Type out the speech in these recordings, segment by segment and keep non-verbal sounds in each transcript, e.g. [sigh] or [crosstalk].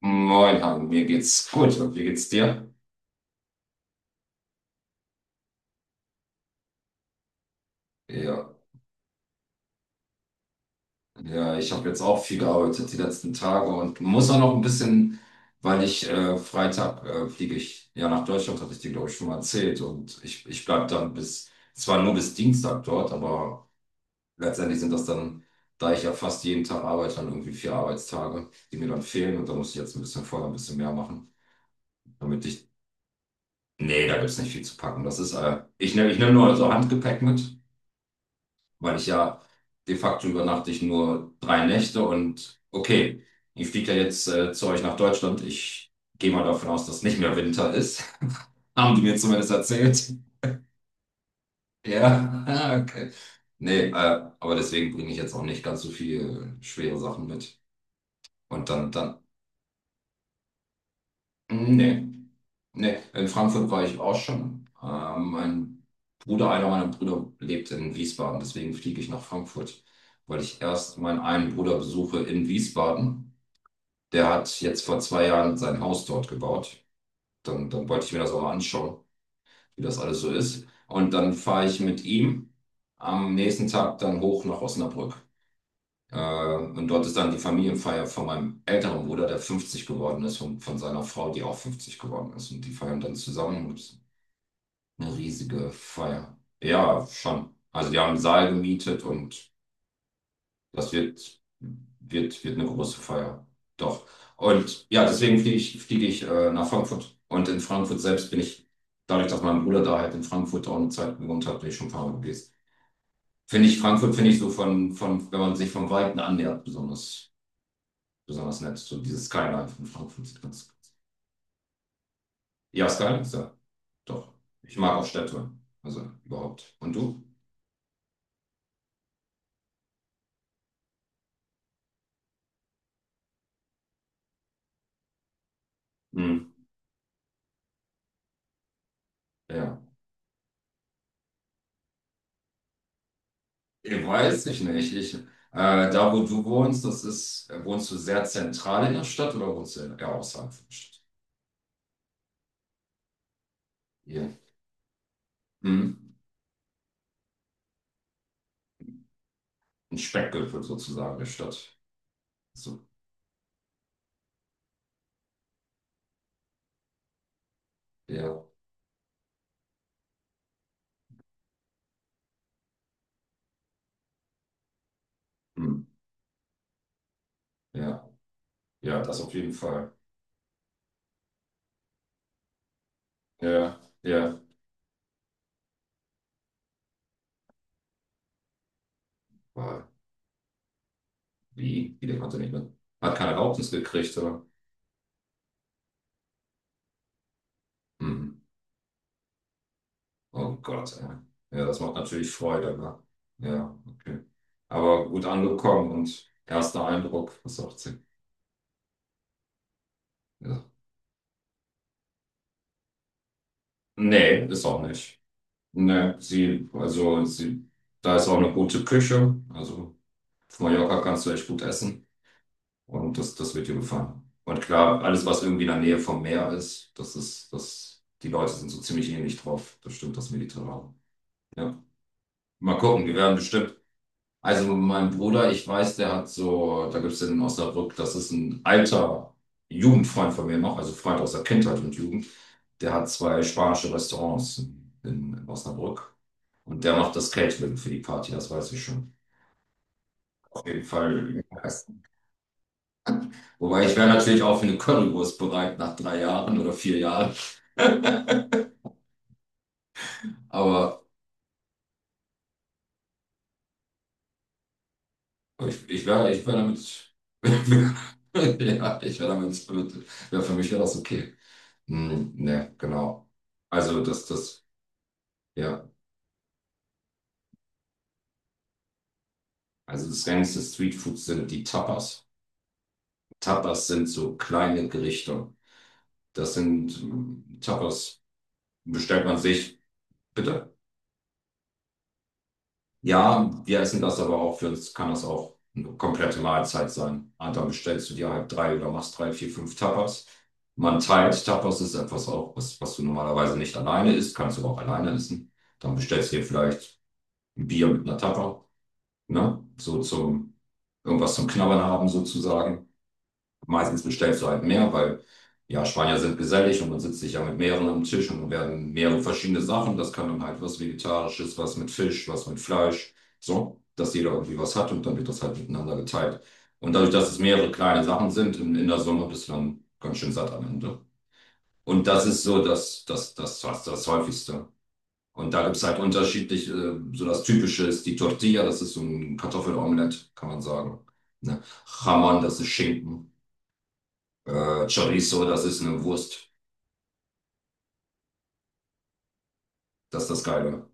Moin, Han, mir geht's gut und wie geht's dir? Ja, ja, ich habe jetzt auch viel gearbeitet die letzten Tage und muss auch noch ein bisschen, weil ich Freitag fliege ich ja nach Deutschland, hatte ich dir, glaube ich, schon mal erzählt und ich bleibe dann bis, zwar nur bis Dienstag dort, aber letztendlich sind das dann, da ich ja fast jeden Tag arbeite, dann irgendwie 4 Arbeitstage, die mir dann fehlen und da muss ich jetzt ein bisschen vorher ein bisschen mehr machen, damit ich, nee, da gibt's nicht viel zu packen. Das ist, ich nehm nur so Handgepäck mit. Weil ich ja de facto übernachte ich nur 3 Nächte und okay, ich fliege ja jetzt zu euch nach Deutschland. Ich gehe mal davon aus, dass nicht mehr Winter ist. [laughs] Haben die mir zumindest erzählt. Ja, [laughs] ah, okay. Nee, aber deswegen bringe ich jetzt auch nicht ganz so viel schwere Sachen mit. Und dann. Nee, nee. In Frankfurt war ich auch schon. Mein Bruder, einer meiner Brüder lebt in Wiesbaden, deswegen fliege ich nach Frankfurt, weil ich erst meinen einen Bruder besuche in Wiesbaden. Der hat jetzt vor 2 Jahren sein Haus dort gebaut. Dann wollte ich mir das auch mal anschauen, wie das alles so ist. Und dann fahre ich mit ihm am nächsten Tag dann hoch nach Osnabrück. Und dort ist dann die Familienfeier von meinem älteren Bruder, der 50 geworden ist, und von seiner Frau, die auch 50 geworden ist. Und die feiern dann zusammen und eine riesige Feier. Ja, schon. Also die haben einen Saal gemietet und das wird eine große Feier. Doch. Und ja, deswegen fliege ich nach Frankfurt. Und in Frankfurt selbst bin ich, dadurch, dass mein Bruder da halt in Frankfurt auch eine Zeit gewohnt hat, bin ich schon ein paar Mal gewesen. Finde ich, Frankfurt finde ich so von, wenn man sich vom Weiten annähert, besonders nett. So dieses Skyline von Frankfurt sieht ganz. Ja, Skyline ist ja, doch. Ich mag auch Städte. Also überhaupt. Und du? Hm, ja. Ich weiß ich nicht. Ich, da, wo du wohnst, das ist, wohnst du sehr zentral in der Stadt oder wohnst du eher außerhalb von der Stadt? Hier. Hm. Ein Speckgürtel sozusagen der Stadt. So, ja. Hm. Ja. Ja, das auf jeden Fall. Ja, ja. Weil, wie? Der konnte nicht mit. Hat keine Erlaubnis gekriegt, oder? Hm. Oh Gott, ey. Ja, das macht natürlich Freude, ne? Ja, okay. Aber gut angekommen und erster Eindruck, was sagt sie? Ja. Nee, ist auch nicht. Nee, sie, also sie, da ist auch eine gute Küche. Also auf Mallorca kannst du echt gut essen und das wird dir gefallen. Und klar, alles, was irgendwie in der Nähe vom Meer ist, das, die Leute sind so ziemlich ähnlich drauf. Das stimmt, das Mediterrane. Ja. Mal gucken, wir werden bestimmt. Also mein Bruder, ich weiß, der hat so, da gibt es in Osnabrück, das ist ein alter Jugendfreund von mir noch, also Freund aus der Kindheit und Jugend, der hat zwei spanische Restaurants in Osnabrück. Und der macht das Catering für die Party, das weiß ich schon. Auf jeden Fall. Wobei ich wäre natürlich auch für eine Currywurst bereit nach 3 Jahren oder 4 Jahren. [laughs] Aber ich wär damit. [laughs] Ja, ich wäre damit. Wär für mich wäre das okay. Hm, ne, genau. Also das, ja, also das reinste Streetfood sind die Tapas. Tapas sind so kleine Gerichte. Das sind Tapas, bestellt man sich, bitte. Ja, wir essen das aber auch, für uns kann das auch eine komplette Mahlzeit sein. Und dann bestellst du dir halt drei oder machst drei, vier, fünf Tapas. Man teilt, Tapas ist etwas auch, was du normalerweise nicht alleine isst, kannst du aber auch alleine essen. Dann bestellst du dir vielleicht ein Bier mit einer Tapa, ne? So zum irgendwas zum Knabbern haben sozusagen. Meistens bestellst du halt mehr, weil ja, Spanier sind gesellig und man sitzt sich ja mit mehreren am Tisch und werden mehrere verschiedene Sachen. Das kann dann halt was Vegetarisches, was mit Fisch, was mit Fleisch, so, dass jeder irgendwie was hat und dann wird das halt miteinander geteilt. Und dadurch, dass es mehrere kleine Sachen sind, in der Summe bist du dann ganz schön satt am Ende. Und das ist so das Häufigste. Und da gibt es halt unterschiedliche, so das Typische ist die Tortilla, das ist so ein Kartoffelomelett, kann man sagen. Ne? Jamón, das ist Schinken. Chorizo, das ist eine Wurst. Das ist das Geile.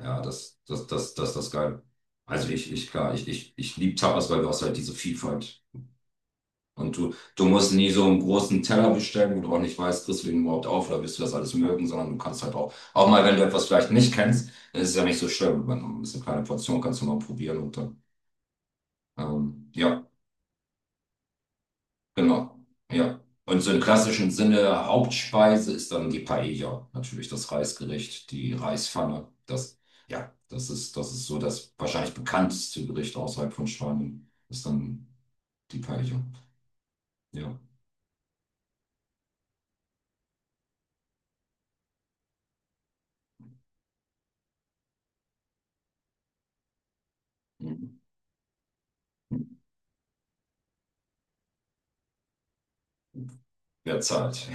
Ja, das ist das Geile. Also ich, klar, ich liebe Tapas, weil du hast halt diese Vielfalt. Und du musst nie so einen großen Teller bestellen, wo du auch nicht weißt, kriegst du den überhaupt auf oder wirst du das alles mögen, sondern du kannst halt auch mal, wenn du etwas vielleicht nicht kennst, dann ist es ja nicht so schlimm. Wenn du ein bisschen kleine Portion kannst du mal probieren und dann, ja. Genau, ja. Und so im klassischen Sinne Hauptspeise ist dann die Paella, natürlich das Reisgericht, die Reispfanne. Das, ja, das ist so das wahrscheinlich bekannteste Gericht außerhalb von Spanien, ist dann die Paella. Ja, mhm. Derzeit.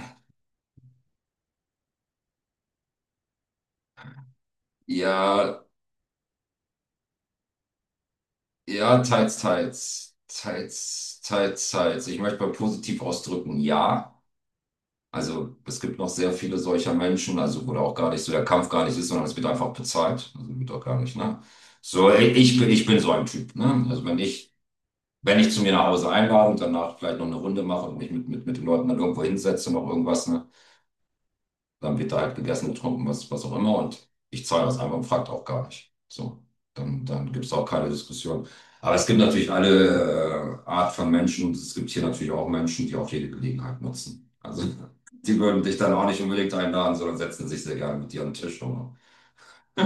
Ja, ja, teils, teils, teils, teils, teils. Ich möchte mal positiv ausdrücken, ja. Also es gibt noch sehr viele solcher Menschen, also wo da auch gar nicht so der Kampf gar nicht ist, sondern es wird einfach bezahlt. Also wird auch gar nicht, ne? So, ich bin so ein Typ, ne? Also wenn ich zu mir nach Hause einlade und danach vielleicht noch eine Runde mache und mich mit den Leuten dann irgendwo hinsetze, noch irgendwas, ne? Dann wird da halt gegessen, getrunken, was auch immer. Und ich zahle das einfach und fragt auch gar nicht. So, dann gibt es auch keine Diskussion. Aber es gibt natürlich alle Art von Menschen und es gibt hier natürlich auch Menschen, die auch jede Gelegenheit nutzen. Also [laughs] die würden dich dann auch nicht unbedingt einladen, sondern setzen sich sehr gerne mit dir an den Tisch. Und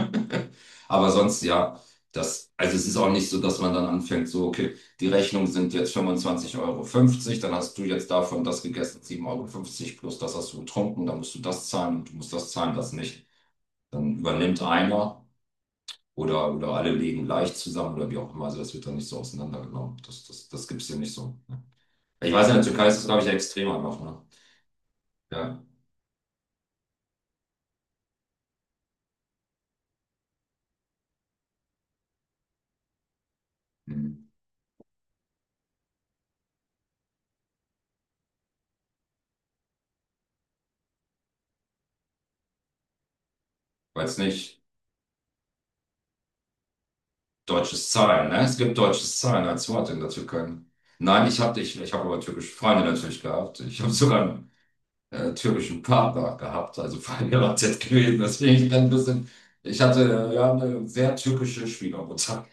[laughs] Aber sonst ja, das, also es ist auch nicht so, dass man dann anfängt, so, okay, die Rechnung sind jetzt 25,50 € dann hast du jetzt davon das gegessen, 7,50 € plus das hast du getrunken, dann musst du das zahlen und du musst das zahlen, das nicht. Dann übernimmt einer oder alle legen leicht zusammen oder wie auch immer. Also das wird dann nicht so auseinandergenommen. Das gibt es hier nicht so. Ne? Ich weiß, in der Türkei ist das, glaube ich, extremer noch, ne? Ja. Mhm. Weiß nicht. Deutsches Zahlen, ne? Es gibt deutsches Zahlen als Wort in der Türkei. Nein, ich hab aber türkische Freunde natürlich gehabt. Ich habe sogar einen türkischen Partner gehabt, also verheiratet gewesen. Deswegen ich bin ein bisschen, ich hatte ja eine sehr türkische Schwiegermutter.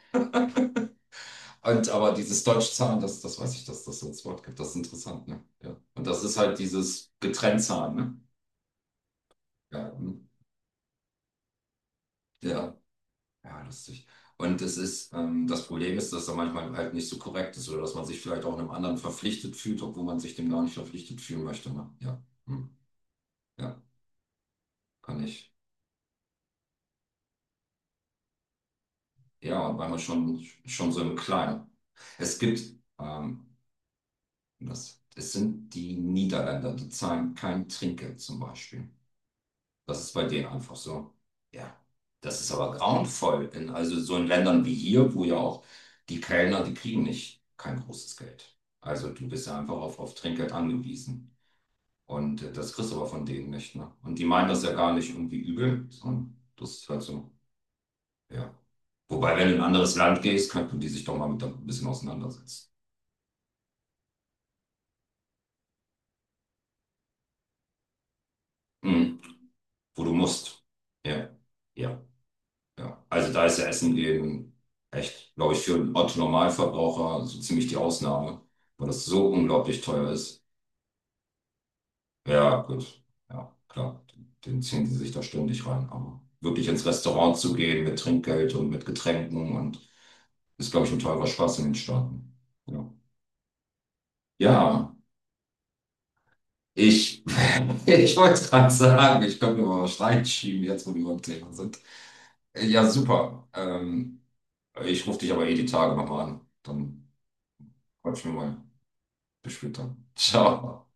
Und aber dieses deutsche Zahlen, das weiß ich, dass das so als Wort gibt. Das ist interessant, ne? Ja. Und das ist halt dieses getrennt Zahlen, ne? Ja, hm. Ja. Ja, lustig. Und es ist, das Problem ist, dass er manchmal halt nicht so korrekt ist oder dass man sich vielleicht auch einem anderen verpflichtet fühlt, obwohl man sich dem gar nicht verpflichtet fühlen möchte. Ne? Ja, hm. Ja, kann ich. Ja, weil man schon so im Kleinen. Es gibt, ähm, das, es sind die Niederländer, die zahlen kein Trinkgeld zum Beispiel. Das ist bei denen einfach so. Ja, das ist aber grauenvoll. In Also so in Ländern wie hier, wo ja auch die Kellner, die kriegen nicht kein großes Geld. Also du bist ja einfach auf Trinkgeld angewiesen. Und das kriegst du aber von denen nicht. Ne? Und die meinen das ja gar nicht irgendwie übel, sondern das ist halt so. Ja. Wobei, wenn du in ein anderes Land gehst, könnten die sich doch mal mit ein bisschen auseinandersetzen. Mhm. Wo du musst. Ja. Ja. Ja. Also da ist ja Essen eben echt, glaube ich, für einen Otto-Normalverbraucher so ziemlich die Ausnahme, weil das so unglaublich teuer ist. Ja, gut. Ja, klar. Den ziehen sie sich da ständig rein. Aber wirklich ins Restaurant zu gehen mit Trinkgeld und mit Getränken und ist, glaube ich, ein teurer Spaß in den Staaten. Ja. Ja, ich, [laughs] ich wollte gerade sagen, ich könnte mir mal was reinschieben, jetzt wo wir beim Thema sind. Ja, super. Ich rufe dich aber eh die Tage nochmal an. Dann quatschen wir mal. Bis später. Ciao.